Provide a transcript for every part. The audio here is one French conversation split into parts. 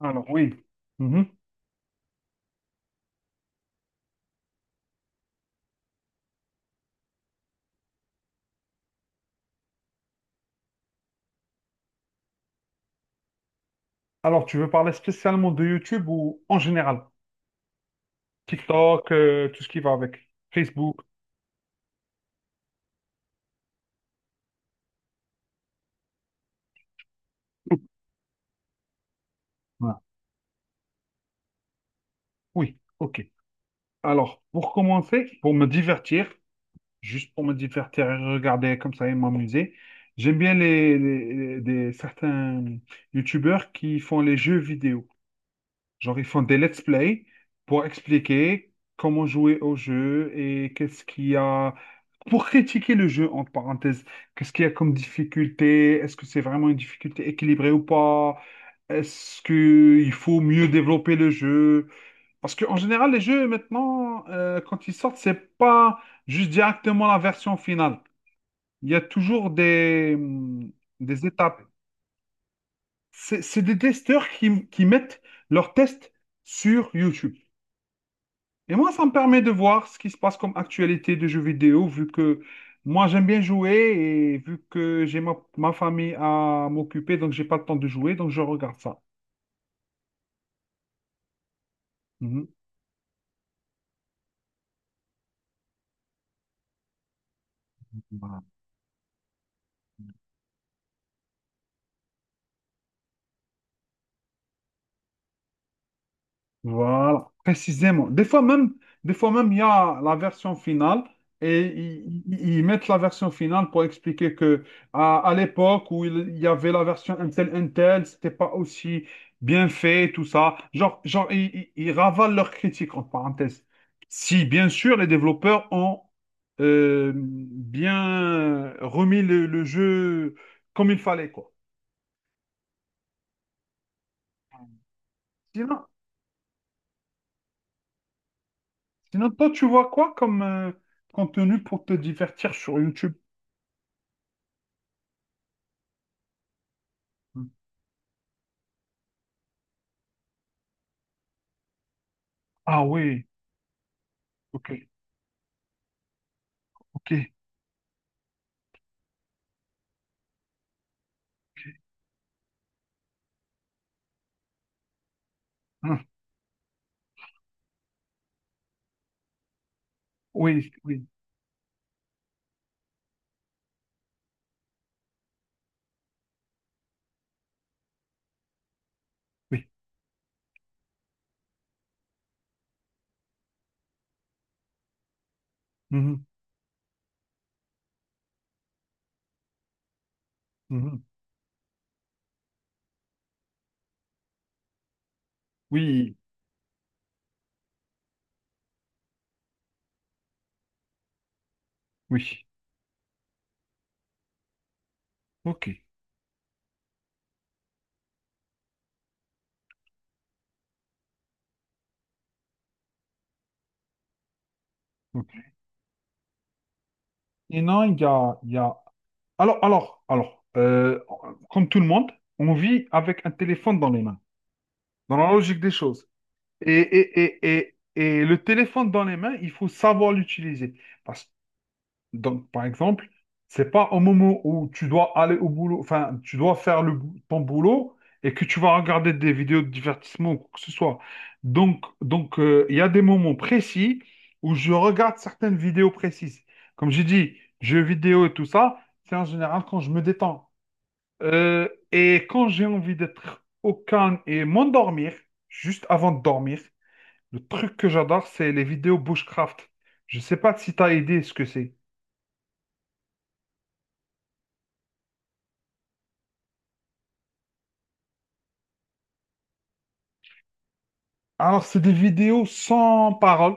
Alors, oui. Mhm. Alors, tu veux parler spécialement de YouTube ou en général? TikTok, tout ce qui va avec. Facebook. Voilà. Oui, ok. Alors, pour commencer, pour me divertir, juste pour me divertir et regarder comme ça et m'amuser, j'aime bien certains YouTubeurs qui font les jeux vidéo. Genre, ils font des let's play pour expliquer comment jouer au jeu et qu'est-ce qu'il y a pour critiquer le jeu, entre parenthèses. Qu'est-ce qu'il y a comme difficulté? Est-ce que c'est vraiment une difficulté équilibrée ou pas? Est-ce qu'il faut mieux développer le jeu? Parce qu'en général, les jeux maintenant, quand ils sortent, c'est pas juste directement la version finale. Il y a toujours des étapes. C'est des testeurs qui mettent leurs tests sur YouTube. Et moi, ça me permet de voir ce qui se passe comme actualité de jeux vidéo, vu que moi, j'aime bien jouer et vu que j'ai ma famille à m'occuper, donc j'ai pas le temps de jouer, donc je regarde ça. Mhm. Voilà, précisément. Des fois même, il y a la version finale et ils mettent la version finale pour expliquer que à l'époque où il y avait la version Intel, c'était pas aussi bien fait, tout ça. Genre, genre, ils ravalent leurs critiques entre parenthèses. Si bien sûr les développeurs ont bien remis le jeu comme il fallait, quoi. Sinon, sinon toi, tu vois quoi comme contenu pour te divertir sur YouTube? Hmm. Ah oui, ok, ok. Hmm. Oui, oui, oui. Mhm, mhm. Oui, oui. Ok, ok. Et non, il y a... Alors, alors, alors, euh, comme tout le monde, on vit avec un téléphone dans les mains, dans la logique des choses. Et, et, et, et, et le téléphone dans les mains, il faut savoir l'utiliser. Parce Donc, par exemple, c'est pas au moment où tu dois aller au boulot, enfin, tu dois faire ton boulot et que tu vas regarder des vidéos de divertissement ou quoi que ce soit. Il y a des moments précis où je regarde certaines vidéos précises. Comme j'ai dit, jeux vidéo et tout ça, c'est en général quand je me détends. Et quand j'ai envie d'être au calme et m'endormir, juste avant de dormir, le truc que j'adore, c'est les vidéos bushcraft. Je sais pas si tu as idée ce que c'est. Alors, c'est des vidéos sans parole.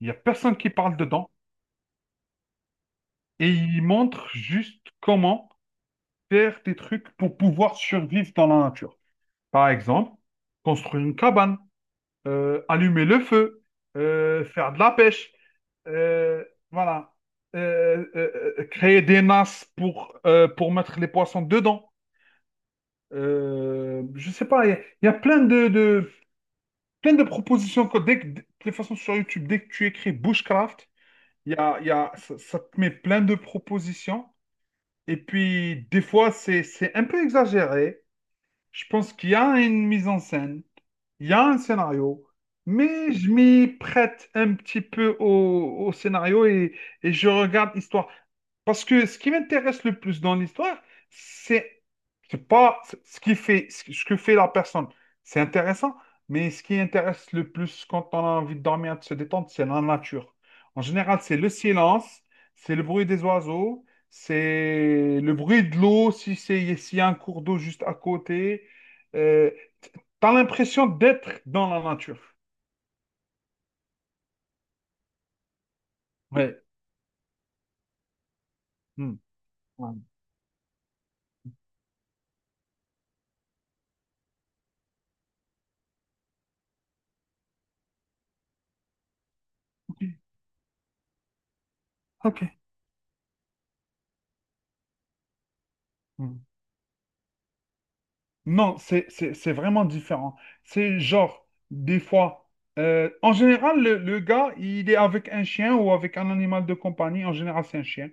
Il n'y a personne qui parle dedans. Et ils montrent juste comment faire des trucs pour pouvoir survivre dans la nature. Par exemple, construire une cabane, allumer le feu, faire de la pêche, euh, voilà. Créer des nasses pour mettre les poissons dedans. Je sais pas, il y a plein plein de propositions. De toute façon, sur YouTube, dès que tu écris bushcraft, il y a, ça te met plein de propositions. Et puis, des fois, c'est un peu exagéré. Je pense qu'il y a une mise en scène. Il y a un scénario, mais je m'y prête un petit peu au scénario et je regarde l'histoire. Parce que ce qui m'intéresse le plus dans l'histoire, c'est c'est pas ce qui fait, ce que fait la personne. C'est intéressant, mais ce qui intéresse le plus quand on a envie de dormir, de se détendre, c'est la nature. En général, c'est le silence, c'est le bruit des oiseaux, c'est le bruit de l'eau, si c'est, s'il y a un cours d'eau juste à côté. Euh, T'as l'impression d'être dans la nature. Ouais. Hmm. Ouais. Ok. Hmm. Non, c'est vraiment différent. C'est genre, des fois, en général, le gars, il est avec un chien ou avec un animal de compagnie. En général, c'est un chien.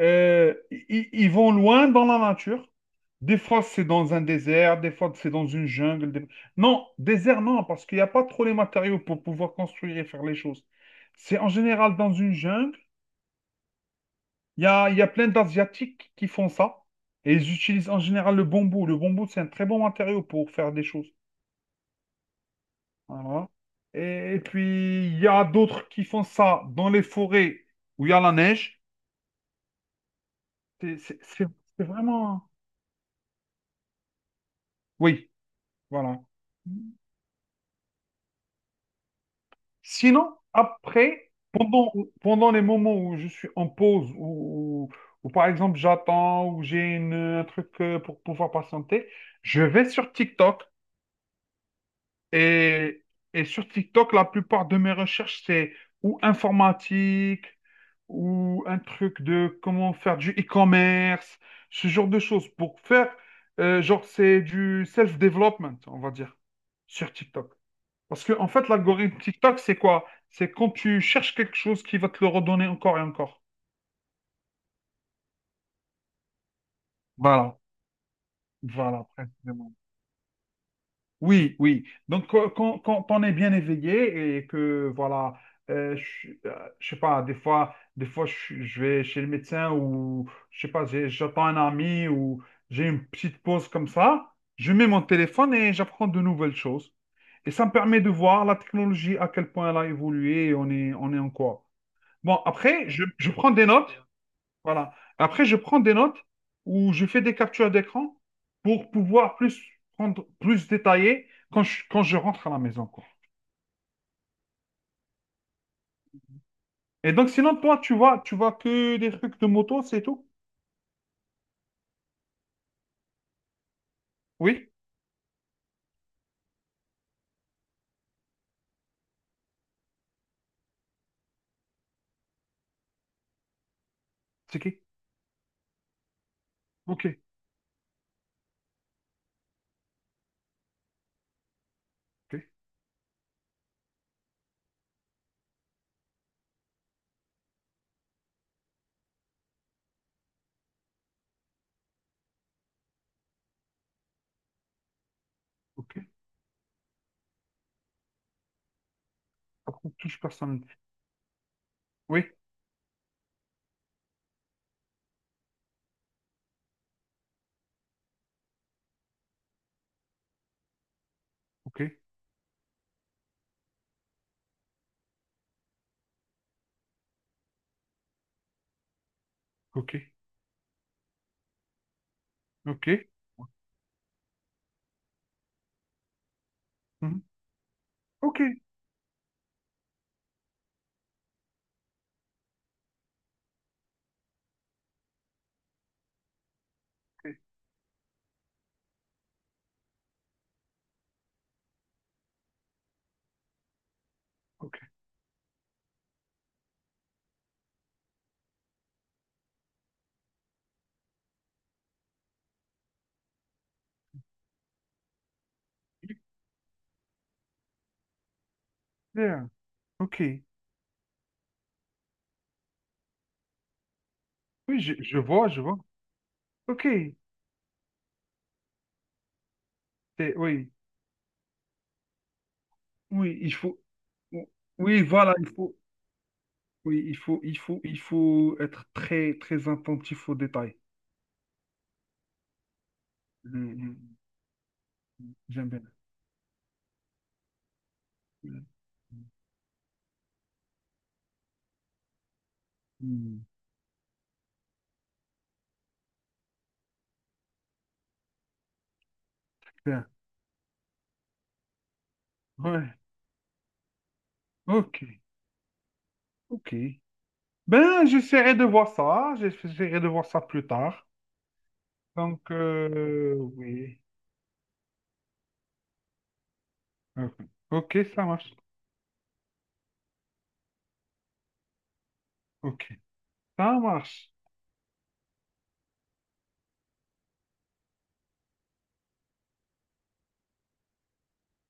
Ils vont loin dans la nature. Des fois, c'est dans un désert, des fois, c'est dans une jungle. Non, désert, non, parce qu'il n'y a pas trop les matériaux pour pouvoir construire et faire les choses. C'est en général dans une jungle. Il y a plein d'Asiatiques qui font ça. Et ils utilisent en général le bambou. Le bambou, c'est un très bon matériau pour faire des choses. Voilà. Et puis, il y a d'autres qui font ça dans les forêts où il y a la neige. C'est c'est- c'est- c'est vraiment... Oui, voilà. Sinon, après, pendant les moments où je suis en pause, ou par exemple j'attends, un truc pour pouvoir patienter, je vais sur TikTok. Et, et sur TikTok, la plupart de mes recherches, c'est ou informatique, ou un truc de comment faire du e-commerce, ce genre de choses. C'est du self-development, on va dire, sur TikTok. Parce que, en fait, l'algorithme TikTok, c'est quoi? C'est quand tu cherches quelque chose qui va te le redonner encore et encore. Voilà, voilà, précisément. Oui, oui. Donc, qu'on est bien éveillé et que, voilà, je sais pas, des fois, je vais chez le médecin ou, je sais pas, j'attends un ami ou j'ai une petite pause comme ça, je mets mon téléphone et j'apprends de nouvelles choses. Et ça me permet de voir la technologie, à quel point elle a évolué et on est en quoi. Bon, après, je prends des notes voilà. Après, je prends des notes ou je fais des captures d'écran pour pouvoir plus prendre, plus détailler quand quand je rentre à la maison, quoi. Et donc, sinon, toi, tu vois que des trucs de moto, c'est tout? Oui? C'est qui? Ok, ok, ok. Après, touche personne. Oui, ok, ok, ok. Mhm. Ok, ok, ok. Bien, ok. Oui, je vois, je vois. Ok. C'est- Oui, oui, il faut. Oui, voilà, il faut. Oui, il faut être très, très attentif aux détails. Mm, mm, mm. J'aime bien. Mm, mm. Bien. Ouais. Ok. Ok. Ben, j'essaierai de voir ça. J'essaierai de voir ça plus tard. Donc, oui. Ok, Ok, ça marche. Ok, ça marche.